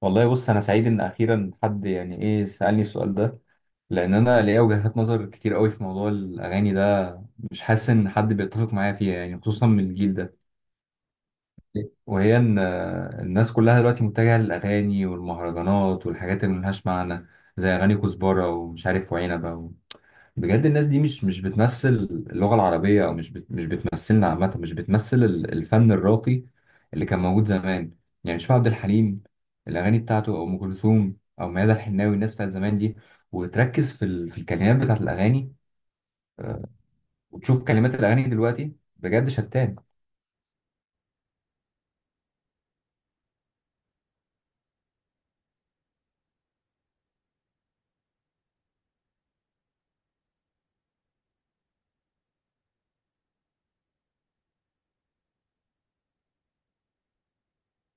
والله بص، انا سعيد ان اخيرا حد يعني سالني السؤال ده. لان انا ليا وجهات نظر كتير قوي في موضوع الاغاني ده، مش حاسس ان حد بيتفق معايا فيها، يعني خصوصا من الجيل ده. وهي ان الناس كلها دلوقتي متجهه للاغاني والمهرجانات والحاجات اللي ملهاش معنى، زي اغاني كزبره ومش عارف وعنبه. بجد الناس دي مش بتمثل اللغة العربية، أو مش بتمثلنا عامة، مش بتمثل الفن الراقي اللي كان موجود زمان. يعني شوف عبد الحليم، الأغاني بتاعته، أو أم كلثوم، أو ميادة الحناوي، الناس بتاعت زمان دي، وتركز في الكلمات بتاعت الأغاني، وتشوف كلمات الأغاني دلوقتي، بجد شتان.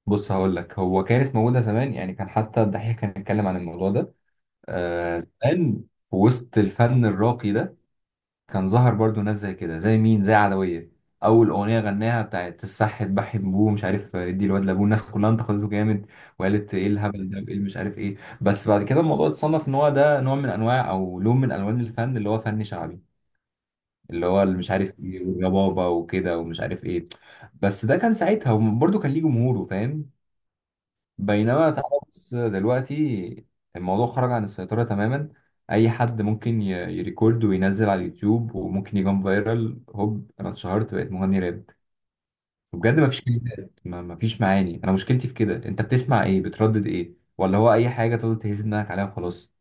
بص هقول لك، هو كانت موجودة زمان، يعني كان حتى الدحيح كان بيتكلم عن الموضوع ده. آه زمان في وسط الفن الراقي ده كان ظهر برضو ناس زي كده، زي مين، زي عدوية. أول أغنية غناها بتاعت الصح اتبحي بابوه مش عارف ادي الواد لابوه، الناس كلها انتقدته جامد وقالت ايه الهبل ده وايه اللي مش عارف ايه. بس بعد كده الموضوع اتصنف ان هو ده نوع من انواع او لون من الوان الفن، اللي هو فن شعبي، اللي هو اللي مش عارف ايه والربابة وكده ومش عارف ايه. بس ده كان ساعتها، وبرضه كان ليه جمهوره، فاهم؟ بينما تعالى بص دلوقتي، الموضوع خرج عن السيطرة تماما. أي حد ممكن يريكورد وينزل على اليوتيوب وممكن يجي فايرال، هوب أنا اتشهرت بقيت مغني راب. بجد مفيش كلمات، مفيش معاني. أنا مشكلتي في كده، أنت بتسمع إيه؟ بتردد إيه؟ ولا هو أي حاجة تقدر تهز دماغك عليها وخلاص؟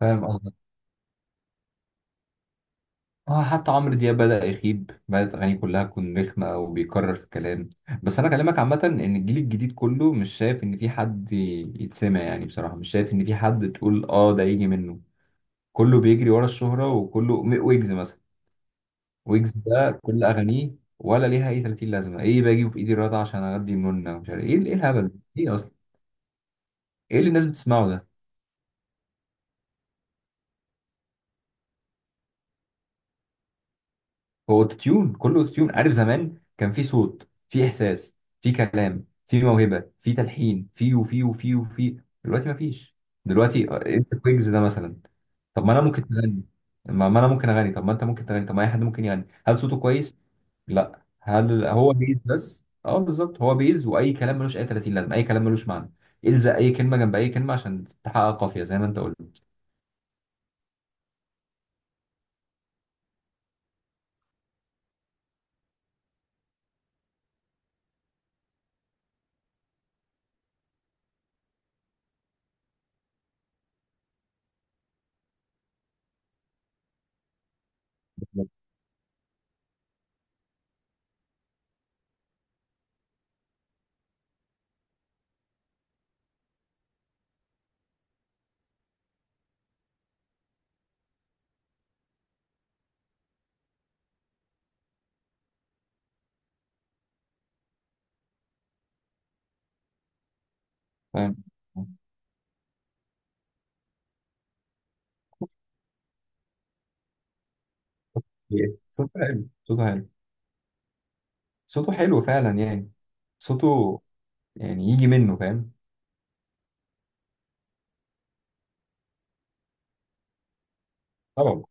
فاهم. اه حتى عمرو دياب بدأ يخيب، بدأت أغانيه كلها تكون رخمة وبيكرر في كلام. بس أنا كلامك عامة، إن الجيل الجديد كله مش شايف إن في حد يتسمع، يعني بصراحة مش شايف إن في حد تقول آه ده يجي منه. كله بيجري ورا الشهرة، وكله ويجز مثلا. ويجز ده كل أغانيه ولا ليها أي 30 لازمة، إيه باجي في إيدي الرضا عشان أغدي منى ومش عارف إيه؟ إيه الهبل ده؟ إيه أصلا إيه اللي الناس بتسمعه ده؟ هو اوتوتيون، كله اوتوتيون. عارف زمان كان في صوت، في احساس، في كلام، في موهبه، في تلحين، في وفي. دلوقتي مفيش. دلوقتي انت كويجز ده مثلا، طب ما انا ممكن اغني، ما انا ممكن اغني، طب ما انت ممكن تغني، طب ما اي حد ممكن يغني. هل صوته كويس؟ لا. هل هو بيز؟ بس اه بالظبط هو بيز، واي كلام ملوش اي 30 لازمه، اي كلام ملوش معنى. الزق اي كلمه جنب اي كلمه عشان تحقق قافيه زي ما انت قلت. فاهم. صوته حلو. صوته حلو. صوته حلو فعلا، يعني صوته يعني يجي منه، فاهم. طبعا.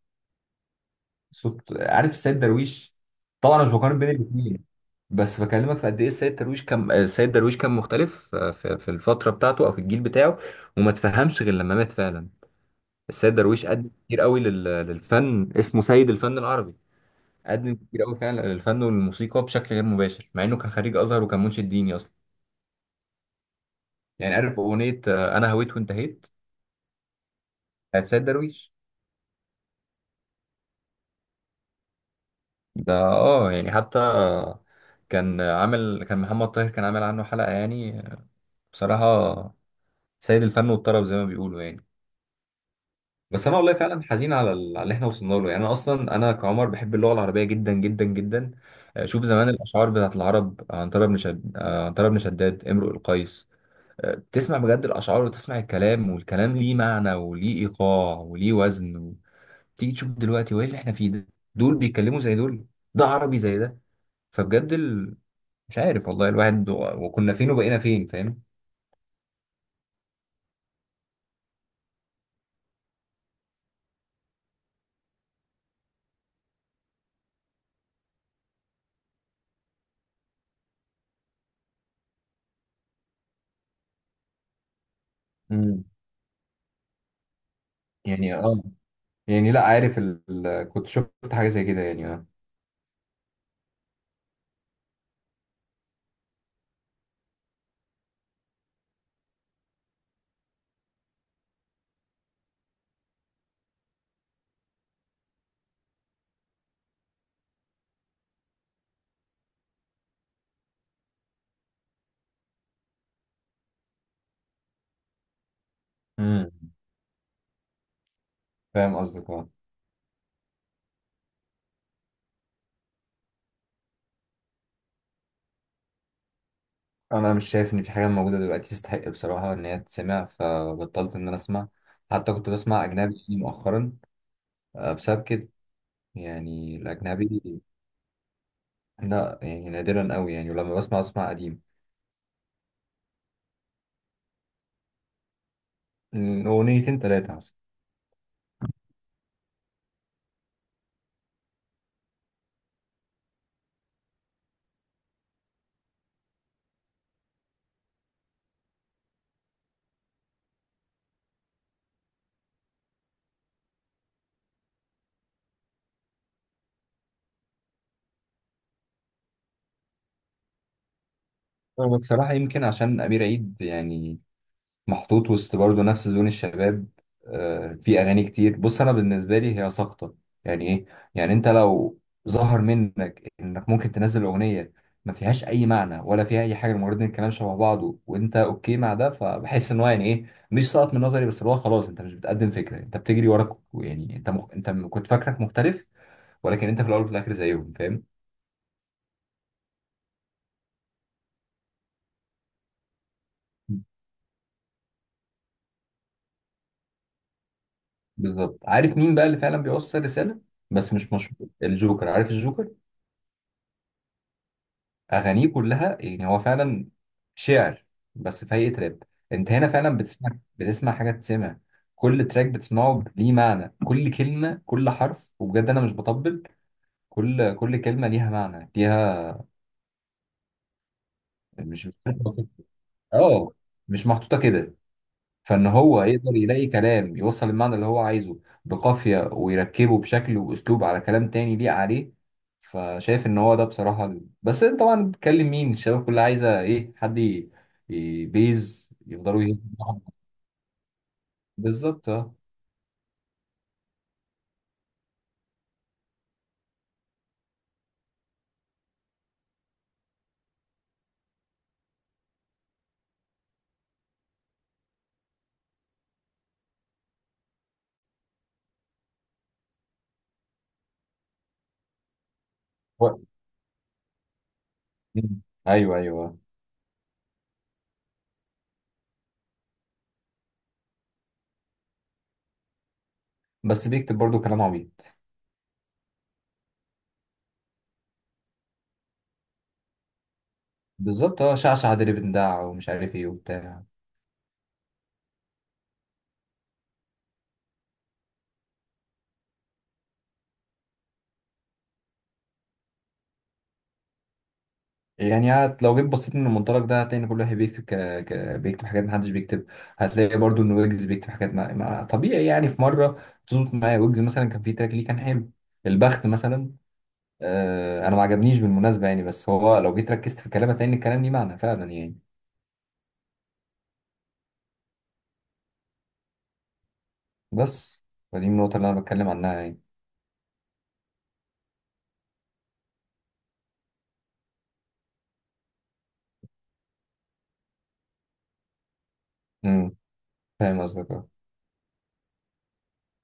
صوت، عارف السيد درويش، طبعا أنا مش بقارن بين الاثنين، بس بكلمك في قد ايه السيد درويش كان، السيد درويش كان مختلف في الفتره بتاعته او في الجيل بتاعه، وما تفهمش غير لما مات فعلا. السيد درويش قدم كتير قوي للفن، اسمه سيد الفن العربي. قدم كتير قوي فعلا للفن والموسيقى بشكل غير مباشر، مع انه كان خريج ازهر وكان منشد ديني اصلا. يعني عارف اغنيه انا هويت وانتهيت، بتاعت سيد درويش. ده اه يعني حتى كان عامل، كان محمد طاهر كان عامل عنه حلقة يعني. بصراحة سيد الفن والطرب زي ما بيقولوا يعني. بس انا والله فعلا حزين على على اللي احنا وصلنا له. يعني انا اصلا انا كعمر بحب اللغة العربية جدا جدا جدا. شوف زمان الاشعار بتاعت العرب، عنترة بن شد آه، عنترة بن شداد، امرؤ القيس. تسمع بجد الاشعار وتسمع الكلام، والكلام ليه معنى وليه ايقاع وليه وزن. تيجي تشوف دلوقتي وايه اللي احنا فيه ده؟ دول بيتكلموا زي دول؟ ده عربي زي ده؟ فبجد مش عارف والله الواحد وكنا فين وبقينا فين، فاهم؟ امم. يعني اه يعني لا عارف كنت شفت حاجة زي كده يعني اه. امم. فاهم قصدك اه. انا مش شايف ان في حاجة موجودة دلوقتي تستحق بصراحة ان هي تتسمع، فبطلت ان انا اسمع. حتى كنت بسمع اجنبي يعني مؤخرا، بسبب كده، يعني الاجنبي. لا يعني نادرا قوي يعني، ولما بسمع اسمع قديم. اغنيتين ثلاثة مثلا. هو بصراحة يمكن عشان أمير عيد يعني محطوط وسط برضه نفس زون الشباب. في اغاني كتير بص انا بالنسبه لي هي ساقطه. يعني ايه؟ يعني انت لو ظهر منك انك ممكن تنزل اغنيه ما فيهاش اي معنى ولا فيها اي حاجه، مجرد ان الكلام شبه بعضه وانت اوكي مع ده، فبحس ان هو يعني ايه، مش ساقط من نظري بس اللي هو خلاص انت مش بتقدم فكره، انت بتجري وراك يعني، انت كنت فاكرك مختلف، ولكن انت في الاول وفي الاخر زيهم، فاهم. بالظبط. عارف مين بقى اللي فعلا بيوصل رساله بس مش مشهور؟ الجوكر، عارف الجوكر؟ اغانيه كلها، يعني هو فعلا شعر بس في هيئه راب. انت هنا فعلا بتسمع، بتسمع حاجه، تسمع. كل تراك بتسمعه ليه معنى، كل كلمه، كل حرف، وبجد انا مش بطبل. كل كلمه ليها معنى، ليها، مش عارف أوصف. اه. مش محطوطه كده، فان هو يقدر يلاقي كلام يوصل المعنى اللي هو عايزه بقافية، ويركبه بشكل واسلوب على كلام تاني ليه عليه. فشايف ان هو ده بصراحة بس انت طبعا بتكلم مين؟ الشباب كلها عايزة ايه؟ حد بيز، يفضلوا يهزوا بعض. بالظبط اه. و- مم. ايوه ايوه آه. بس بيكتب برضو كلام عبيط. بالظبط اه، شعشع دربندع ومش عارف ايه وبتاع. يعني هت لو جيت بصيت من المنطلق ده هتلاقي ان كل واحد بيكتب بيكتب حاجات محدش بيكتب. هتلاقي برضو ان ويجز بيكتب حاجات طبيعي يعني. في مره تظبط معايا ويجز، مثلا كان في تراك ليه كان حلو، البخت مثلا. آه انا ما عجبنيش بالمناسبه يعني، بس هو لو جيت ركزت في كلامه هتلاقي ان الكلام ليه معنى فعلا يعني. بس فدي النقطه اللي انا بتكلم عنها يعني. امم. فاهم قصدك.